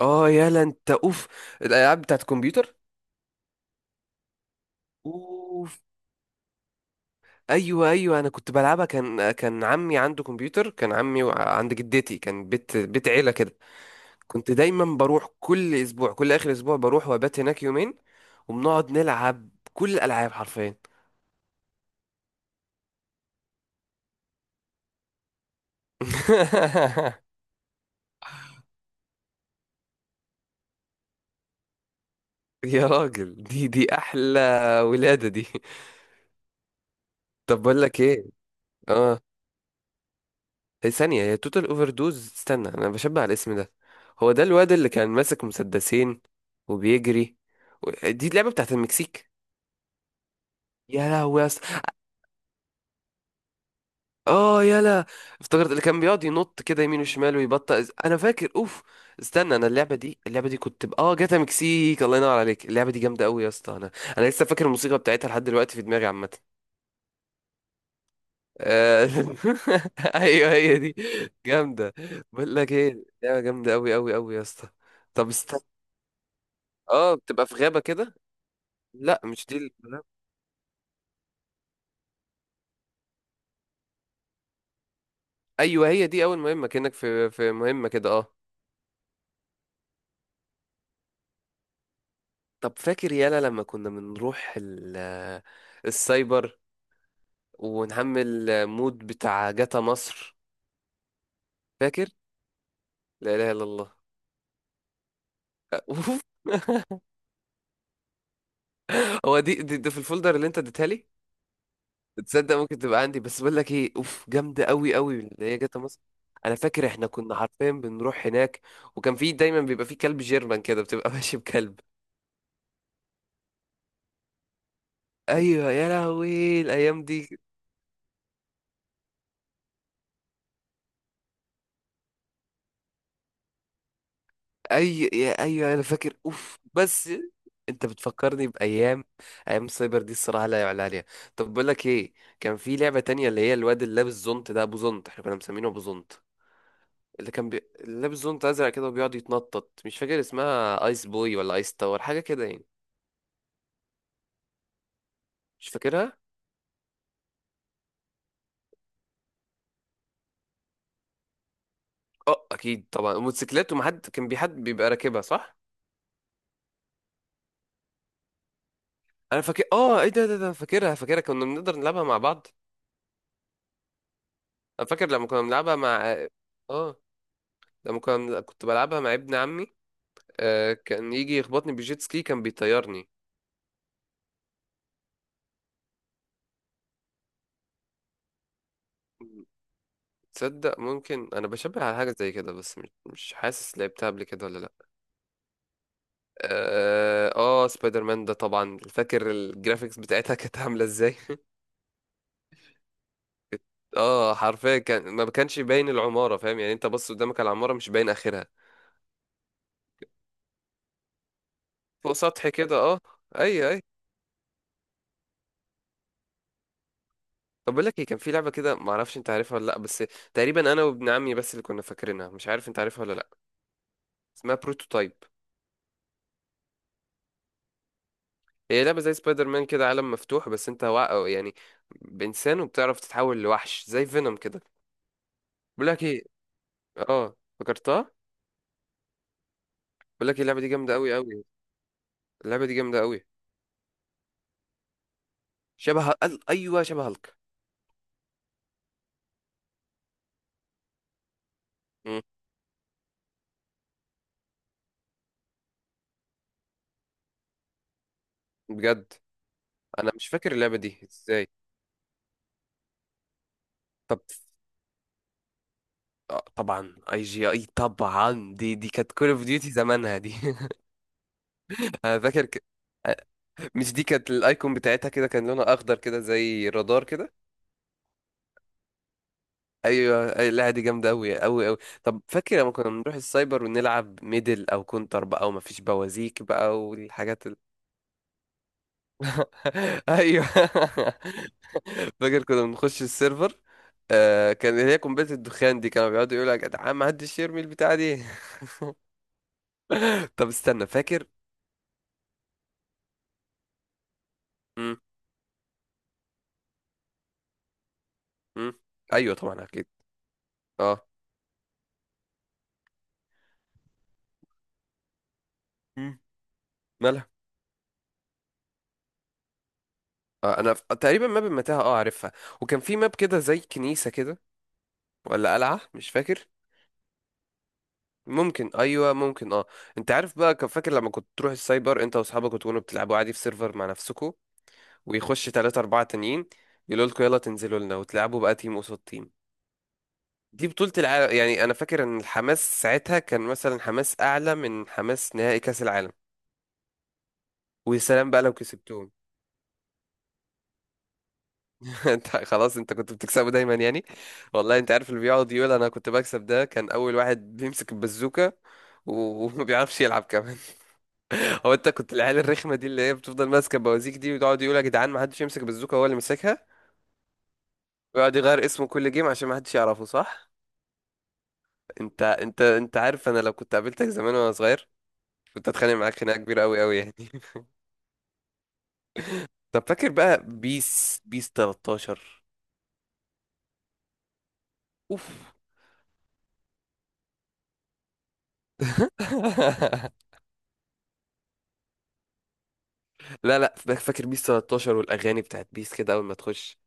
اه، يلا انت. اوف، الالعاب بتاعت الكمبيوتر. اوف، ايوه ايوه، انا كنت بلعبها. كان عمي عنده كمبيوتر. كان عمي عند جدتي، كان بيت بيت عيله كده. كنت دايما بروح كل اسبوع، كل اخر اسبوع بروح وابات هناك يومين، وبنقعد نلعب كل الالعاب حرفيا. يا راجل، دي احلى ولاده دي. طب بقول لك ايه. اه، هي ثانية، هي توتال اوفر دوز، استنى انا بشبه على الاسم ده. هو ده الواد اللي كان ماسك مسدسين وبيجري، دي اللعبة بتاعت المكسيك. يا لهوي يا اسطى. اه يلا. افتكرت اللي كان بيقعد ينط كده يمين وشمال ويبطأ انا فاكر اوف. استنى، انا اللعبة دي، اللعبة دي اه، جاتا مكسيك، الله ينور عليك. اللعبة دي جامدة قوي يا اسطى. انا انا لسه فاكر الموسيقى بتاعتها لحد دلوقتي في دماغي عامة. آه، ايوه هي دي. جامدة. بقول لك ايه، لعبة جامدة قوي قوي قوي يا اسطى. طب استنى، اه بتبقى في غابة كده. لا مش دي ايوه هي دي اول مهمة، كأنك في في مهمة كده، اه. طب فاكر يالا لما كنا بنروح السايبر ونحمل مود بتاع جاتا مصر؟ فاكر؟ لا اله الا الله. اوف هو دي في الفولدر اللي انت اديتها لي. تصدق ممكن تبقى عندي، بس بقول لك ايه، اوف جامده قوي قوي اللي هي جاتا مصر. انا فاكر احنا كنا حرفيا بنروح هناك، وكان في دايما بيبقى في كلب جيرمان كده، بتبقى ماشي بكلب. ايوه يا لهوي الايام دي. اي يا ايوه انا فاكر اوف بس. انت بتفكرني بايام، ايام السايبر دي الصراحه لا يعلى عليها. طب بقول لك ايه، كان في لعبه تانية، اللي هي الواد اللي لابس زونت ده، ابو زونت، احنا كنا مسمينه ابو زونت. اللي لابس زونت ازرق كده وبيقعد يتنطط، مش فاكر اسمها ايس بوي ولا ايس تاور، حاجه كده يعني. مش فاكرها. اه اكيد طبعا الموتوسيكلات، ومحد كان بي حد بيبقى راكبها، صح؟ انا فاكر، اه، ايه ده فاكرها فاكرها، كنا بنقدر نلعبها مع بعض. انا فاكر لما كنا بنلعبها مع، اه، لما كنت بلعبها مع ابن عمي. كان يجي يخبطني بالجيت سكي، كان بيطيرني. تصدق ممكن انا بشبه على حاجه زي كده، بس مش حاسس لعبتها قبل كده ولا لا. اه، سبايدر مان ده طبعا فاكر، الجرافيكس بتاعتها كانت عامله ازاي. اه حرفيا، كان ما كانش باين العماره، فاهم يعني، انت بص قدامك على العماره مش باين اخرها. فوق سطح كده، اه. اي اي. طب بقول لك ايه، كان في لعبه كده، ما اعرفش انت عارفها ولا لا، بس تقريبا انا وابن عمي بس اللي كنا فاكرينها، مش عارف انت عارفها ولا لا. اسمها بروتوتايب. هي لعبة زي سبايدر مان كده، عالم مفتوح، بس أو يعني بإنسان، وبتعرف تتحول لوحش زي فينوم كده. بقول لك ايه. اه فكرتها. بقول لك اللعبة دي جامدة قوي قوي. اللعبة دي جامدة قوي. شبه ايوه شبه هالك. مم، بجد. انا مش فاكر اللعبة دي ازاي. طب، طبعا اي جي اي، طبعا دي دي كانت كول اوف ديوتي زمانها دي. انا فاكر ك... آه، مش دي كانت الايكون بتاعتها كده، كان لونها اخضر كده زي رادار كده. ايوه لا دي جامده قوي قوي قوي. طب فاكر لما كنا بنروح السايبر ونلعب ميدل او كونتر بقى، وما فيش بوازيك بقى والحاجات ايوه فاكر كنا بنخش السيرفر. آه، كان هي قنبله الدخان دي، كانوا بيقعدوا يقولوا يا جدعان ما حدش يرمي البتاعه دي. طب استنى فاكر. امم. امم. ايوه طبعا اكيد. اه. امم. مالها. تقريبا ماب المتاهه، اه عارفها. وكان في ماب كده زي كنيسه كده، ولا قلعه مش فاكر. ممكن، ايوه ممكن اه. انت عارف بقى، كان فاكر لما كنت تروح السايبر انت واصحابك وتكونوا بتلعبوا عادي في سيرفر مع نفسكوا، ويخش تلاتة اربعة تانيين يقولوا لكم يلا تنزلوا لنا وتلعبوا بقى تيم قصاد تيم. دي بطولة العالم يعني، انا فاكر ان الحماس ساعتها كان مثلا حماس اعلى من حماس نهائي كاس العالم. ويا سلام بقى لو كسبتهم. انت خلاص انت كنت بتكسبه دايما يعني. والله انت عارف اللي بيقعد يقول انا كنت بكسب، ده كان اول واحد بيمسك البزوكة وما بيعرفش يلعب كمان. هو انت كنت العيال الرخمه دي، اللي هي بتفضل ماسكه بوازيك دي، ويقعد يقول يا جدعان ما حدش يمسك بازوكه، هو اللي مسكها. ويقعد يغير اسمه كل جيم عشان ما حدش يعرفه، صح؟ انت عارف انا لو كنت قابلتك زمان وانا صغير، كنت اتخانق معاك خناقه كبيره قوي قوي يعني. طب فاكر بقى بيس 13؟ اوف. لا لا، فاكر بيس 13، والاغاني بتاعت بيس كده اول ما تخش؟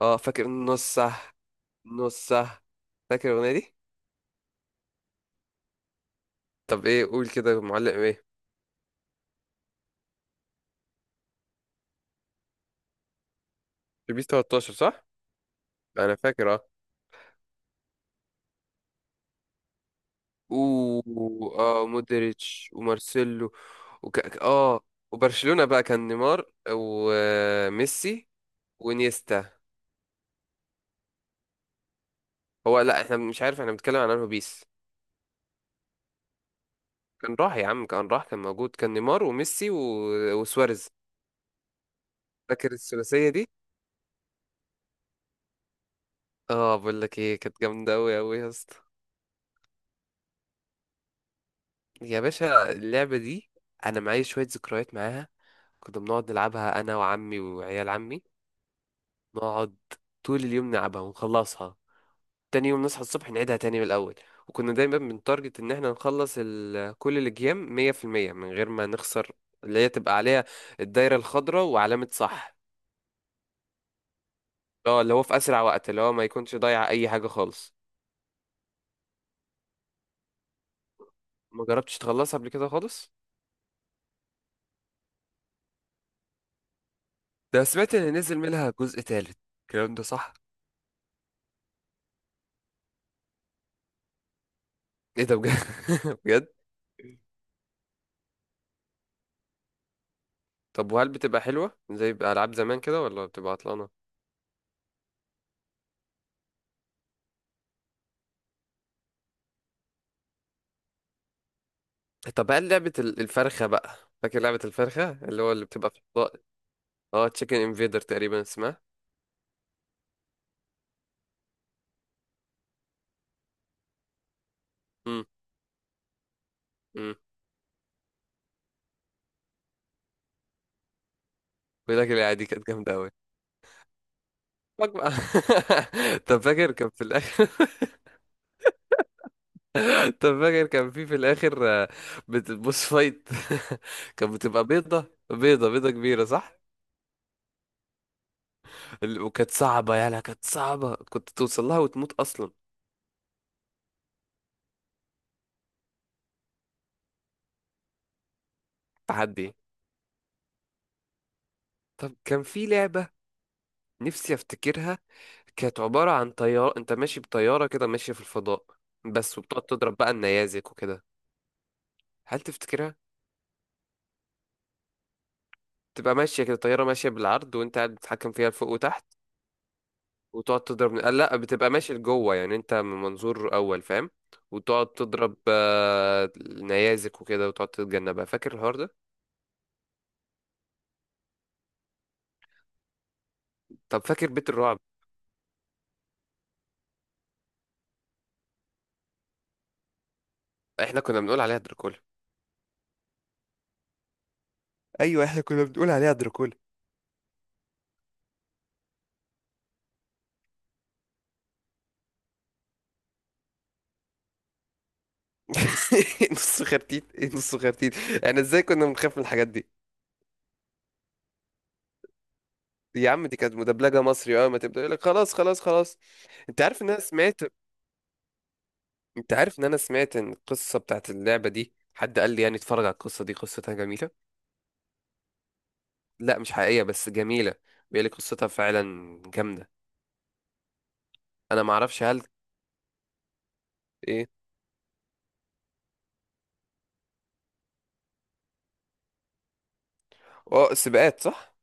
اه فاكر نص صح. نص صح. فاكر الاغنيه دي؟ طب ايه، قول كده، معلق ايه؟ في بيس 13 صح. انا فاكر. و مودريتش ومارسيلو. وك... اه وبرشلونة بقى كان نيمار وميسي ونيستا. هو لا احنا مش عارف، احنا بنتكلم عن انه بيس. كان راح يا عم كان راح، كان موجود، كان نيمار وميسي وسواريز. فاكر الثلاثية دي. اه بقول لك ايه، كانت جامدة قوي قوي يا اسطى. يا باشا اللعبة دي، انا معايا شوية ذكريات معاها. كنا بنقعد نلعبها انا وعمي وعيال عمي، نقعد طول اليوم نلعبها ونخلصها، تاني يوم نصحى الصبح نعيدها تاني من الأول. وكنا دايما بنتارجت إن احنا نخلص كل الجيم مية في المية من غير ما نخسر، اللي هي تبقى عليها الدايرة الخضراء وعلامة صح. اه، اللي هو في أسرع وقت، اللي هو ما يكونش ضايع أي حاجة خالص. ما جربتش تخلصها قبل كده خالص؟ ده سمعت إن نزل منها جزء تالت، الكلام ده صح؟ إيه ده بجد؟ بجد؟ طب وهل بتبقى حلوة زي ألعاب زمان كده، ولا بتبقى عطلانة؟ طب هل لعبة الفرخة بقى، فاكر لعبة الفرخة اللي هو اللي بتبقى في الفضاء؟ اه تشيكن انفيدر تقريبا اسمها. امم. بيقول لك العيادي كانت جامده قوي. طب فاكر كان في الاخر، طب فاكر كان في الاخر، بوس فايت. كانت بتبقى بيضه. بيضه كبيره صح. وكانت صعبه يالا، كانت صعبه، كنت توصل لها وتموت اصلا. تحدي. طب كان في لعبه، نفسي افتكرها، كانت عباره عن طياره، انت ماشي بطياره كده ماشيه في الفضاء بس، وبتقعد تضرب بقى النيازك وكده، هل تفتكرها؟ تبقى ماشيه كده، طياره ماشيه بالعرض وانت قاعد بتتحكم فيها لفوق وتحت، وتقعد تضرب، لا بتبقى ماشي لجوه يعني، انت من منظور اول فاهم، وتقعد تضرب نيازك وكده وتقعد تتجنبها، فاكر الحوار ده؟ طب فاكر بيت الرعب؟ احنا كنا بنقول عليها دراكولا. ايوه احنا كنا بنقول عليها دراكولا. نص خرتيت، ايه نص خرتيت؟ احنا ازاي كنا بنخاف من الحاجات دي؟ يا عم دي كانت مدبلجه مصري، اه، ما تبدا يقول لك خلاص خلاص خلاص. انت عارف ان انا سمعت، انت عارف ان انا سمعت ان القصه بتاعت اللعبه دي، حد قال لي يعني اتفرج على القصه دي، قصتها جميله. لا مش حقيقية، بس جميلة. بيقول لي قصتها فعلا جامدة. انا ما اعرفش، هل ايه؟ اه سباقات صح.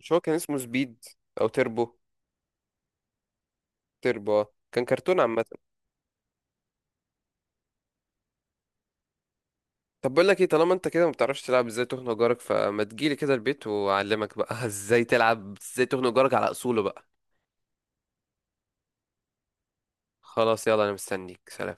مش هو كان اسمه سبيد او تربو؟ تربو كان كرتون عامة. طب بقول لك ايه، طالما انت كده ما بتعرفش تلعب ازاي تخنق جارك، فما تجيلي كده البيت واعلمك بقى ازاي تلعب ازاي تخنق جارك على اصوله بقى. خلاص يلا انا مستنيك، سلام.